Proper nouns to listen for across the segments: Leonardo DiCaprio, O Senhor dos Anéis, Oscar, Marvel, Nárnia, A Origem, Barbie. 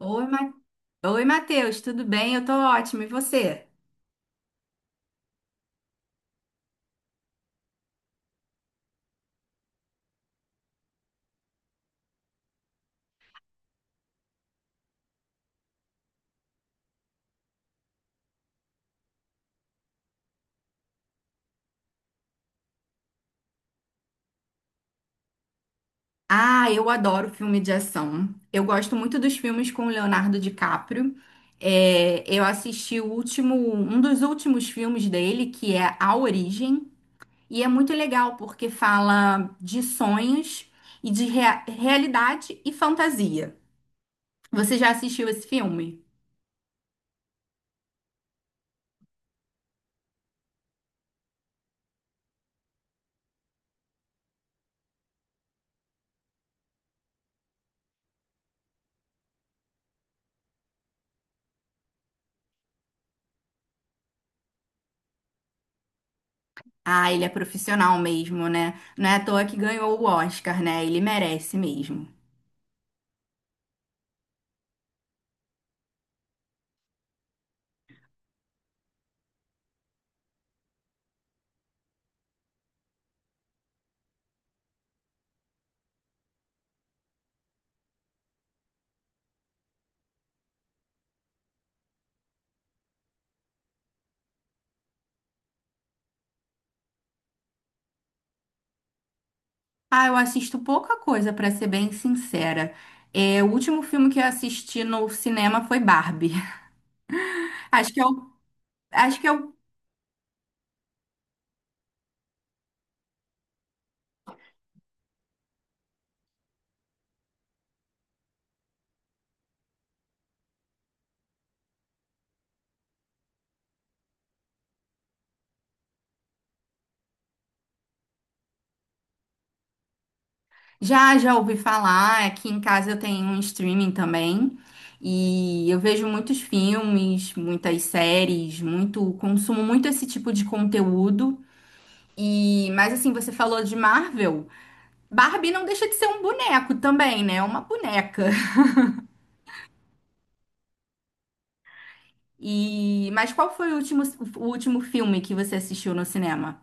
Oi, Ma... Oi, Matheus, tudo bem? Eu tô ótima, e você? Ah, eu adoro filme de ação. Eu gosto muito dos filmes com o Leonardo DiCaprio. É, eu assisti o último, um dos últimos filmes dele, que é A Origem, e é muito legal porque fala de sonhos e de realidade e fantasia. Você já assistiu esse filme? Ah, ele é profissional mesmo, né? Não é à toa que ganhou o Oscar, né? Ele merece mesmo. Ah, eu assisto pouca coisa, pra ser bem sincera. É, o último filme que eu assisti no cinema foi Barbie. Acho que eu, Acho que eu já ouvi falar. Aqui em casa eu tenho um streaming também e eu vejo muitos filmes, muitas séries, muito consumo muito esse tipo de conteúdo. E, mas assim, você falou de Marvel. Barbie não deixa de ser um boneco também, né? É uma boneca. E, mas qual foi o último filme que você assistiu no cinema?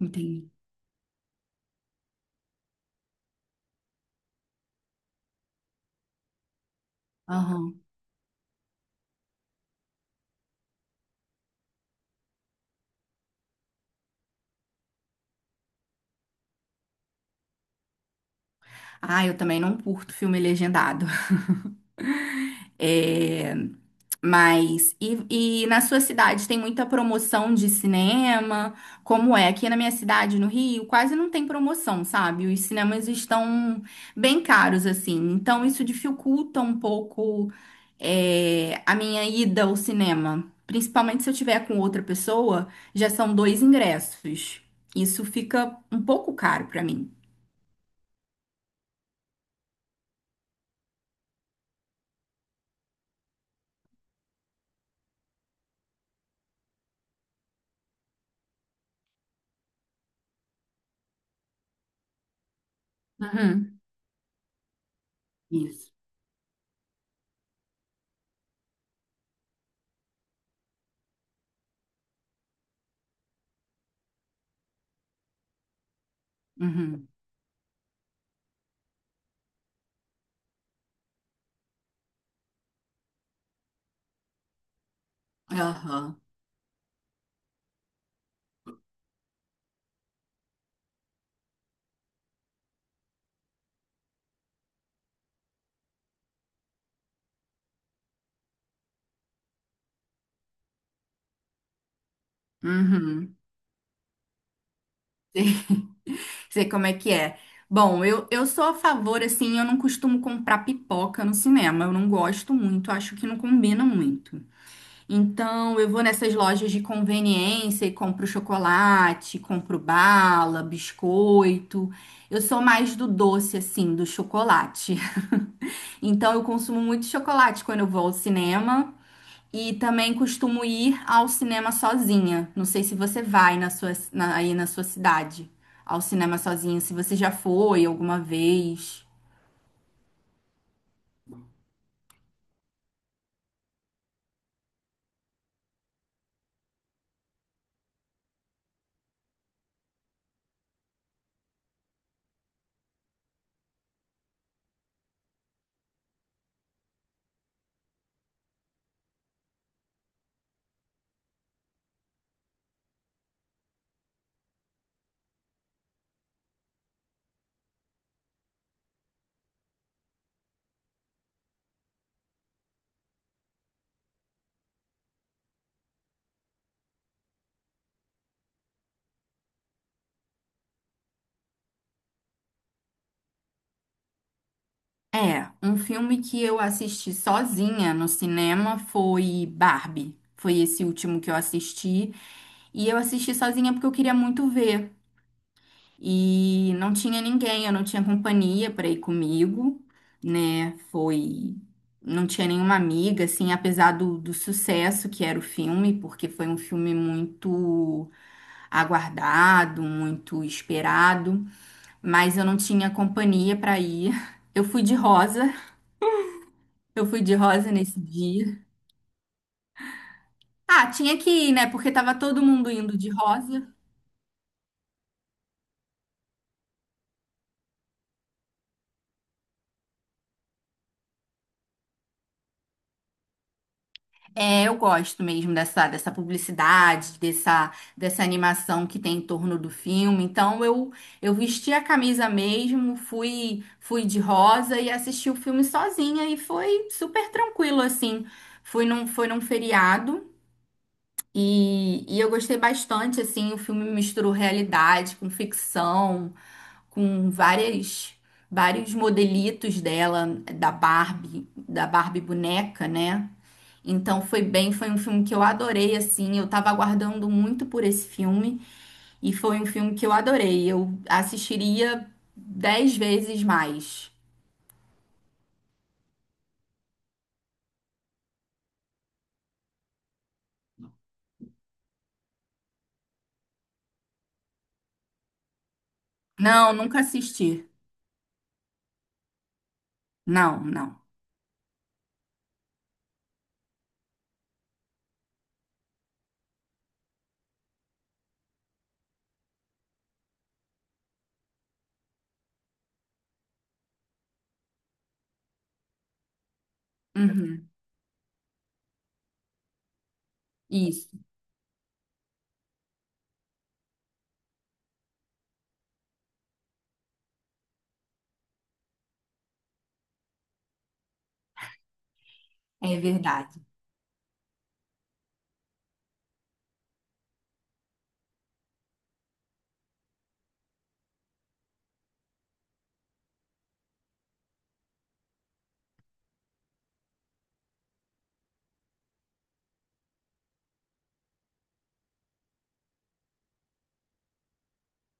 Entendi. Aham. Ah, eu também não curto filme legendado. É, mas, e na sua cidade tem muita promoção de cinema? Como é? Aqui na minha cidade, no Rio, quase não tem promoção, sabe? Os cinemas estão bem caros, assim. Então, isso dificulta um pouco, é, a minha ida ao cinema. Principalmente se eu tiver com outra pessoa, já são dois ingressos. Isso fica um pouco caro pra mim. Uhum. Isso. Uhum. Aham. Uhum. Sei como é que é. Bom, eu sou a favor, assim, eu não costumo comprar pipoca no cinema. Eu não gosto muito, acho que não combina muito. Então, eu vou nessas lojas de conveniência e compro chocolate, compro bala, biscoito. Eu sou mais do doce, assim, do chocolate. Então, eu consumo muito chocolate quando eu vou ao cinema. E também costumo ir ao cinema sozinha. Não sei se você vai aí na sua cidade ao cinema sozinha, se você já foi alguma vez. É, um filme que eu assisti sozinha no cinema foi Barbie. Foi esse último que eu assisti. E eu assisti sozinha porque eu queria muito ver. E não tinha ninguém, eu não tinha companhia para ir comigo, né? Foi. Não tinha nenhuma amiga, assim, apesar do sucesso que era o filme, porque foi um filme muito aguardado, muito esperado, mas eu não tinha companhia para ir. Eu fui de rosa, eu fui de rosa nesse dia. Ah, tinha que ir, né? Porque tava todo mundo indo de rosa. É, eu gosto mesmo dessa publicidade, dessa animação que tem em torno do filme. Então eu vesti a camisa mesmo, fui de rosa e assisti o filme sozinha e foi super tranquilo assim. Foi num feriado e eu gostei bastante assim, o filme misturou realidade com ficção, com várias vários modelitos dela, da Barbie boneca, né? Então foi bem, foi um filme que eu adorei, assim, eu tava aguardando muito por esse filme e foi um filme que eu adorei. Eu assistiria 10 vezes mais. Não, nunca assisti. Não, não. Uhum. Isso, é verdade.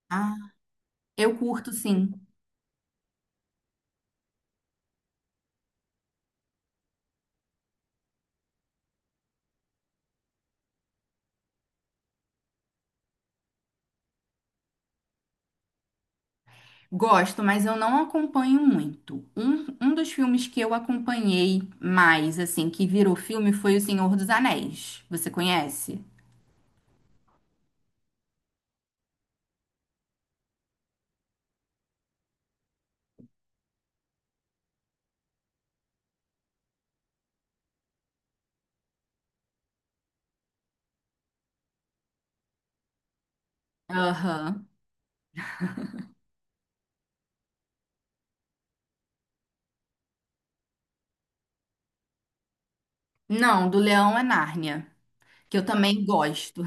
Ah, eu curto sim. Gosto, mas eu não acompanho muito. Um dos filmes que eu acompanhei mais, assim, que virou filme foi O Senhor dos Anéis. Você conhece? Aham. Não, do Leão é Nárnia. Que eu também gosto.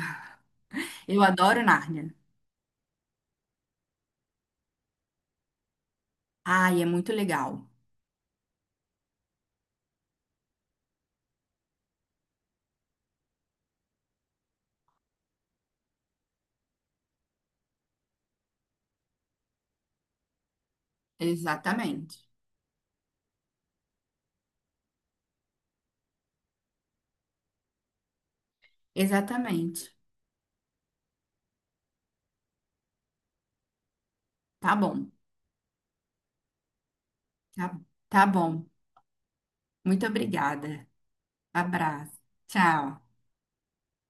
Eu adoro Nárnia. Ai, é muito legal. Exatamente. Exatamente. Tá bom. Tá, tá bom. Muito obrigada. Abraço. Tchau.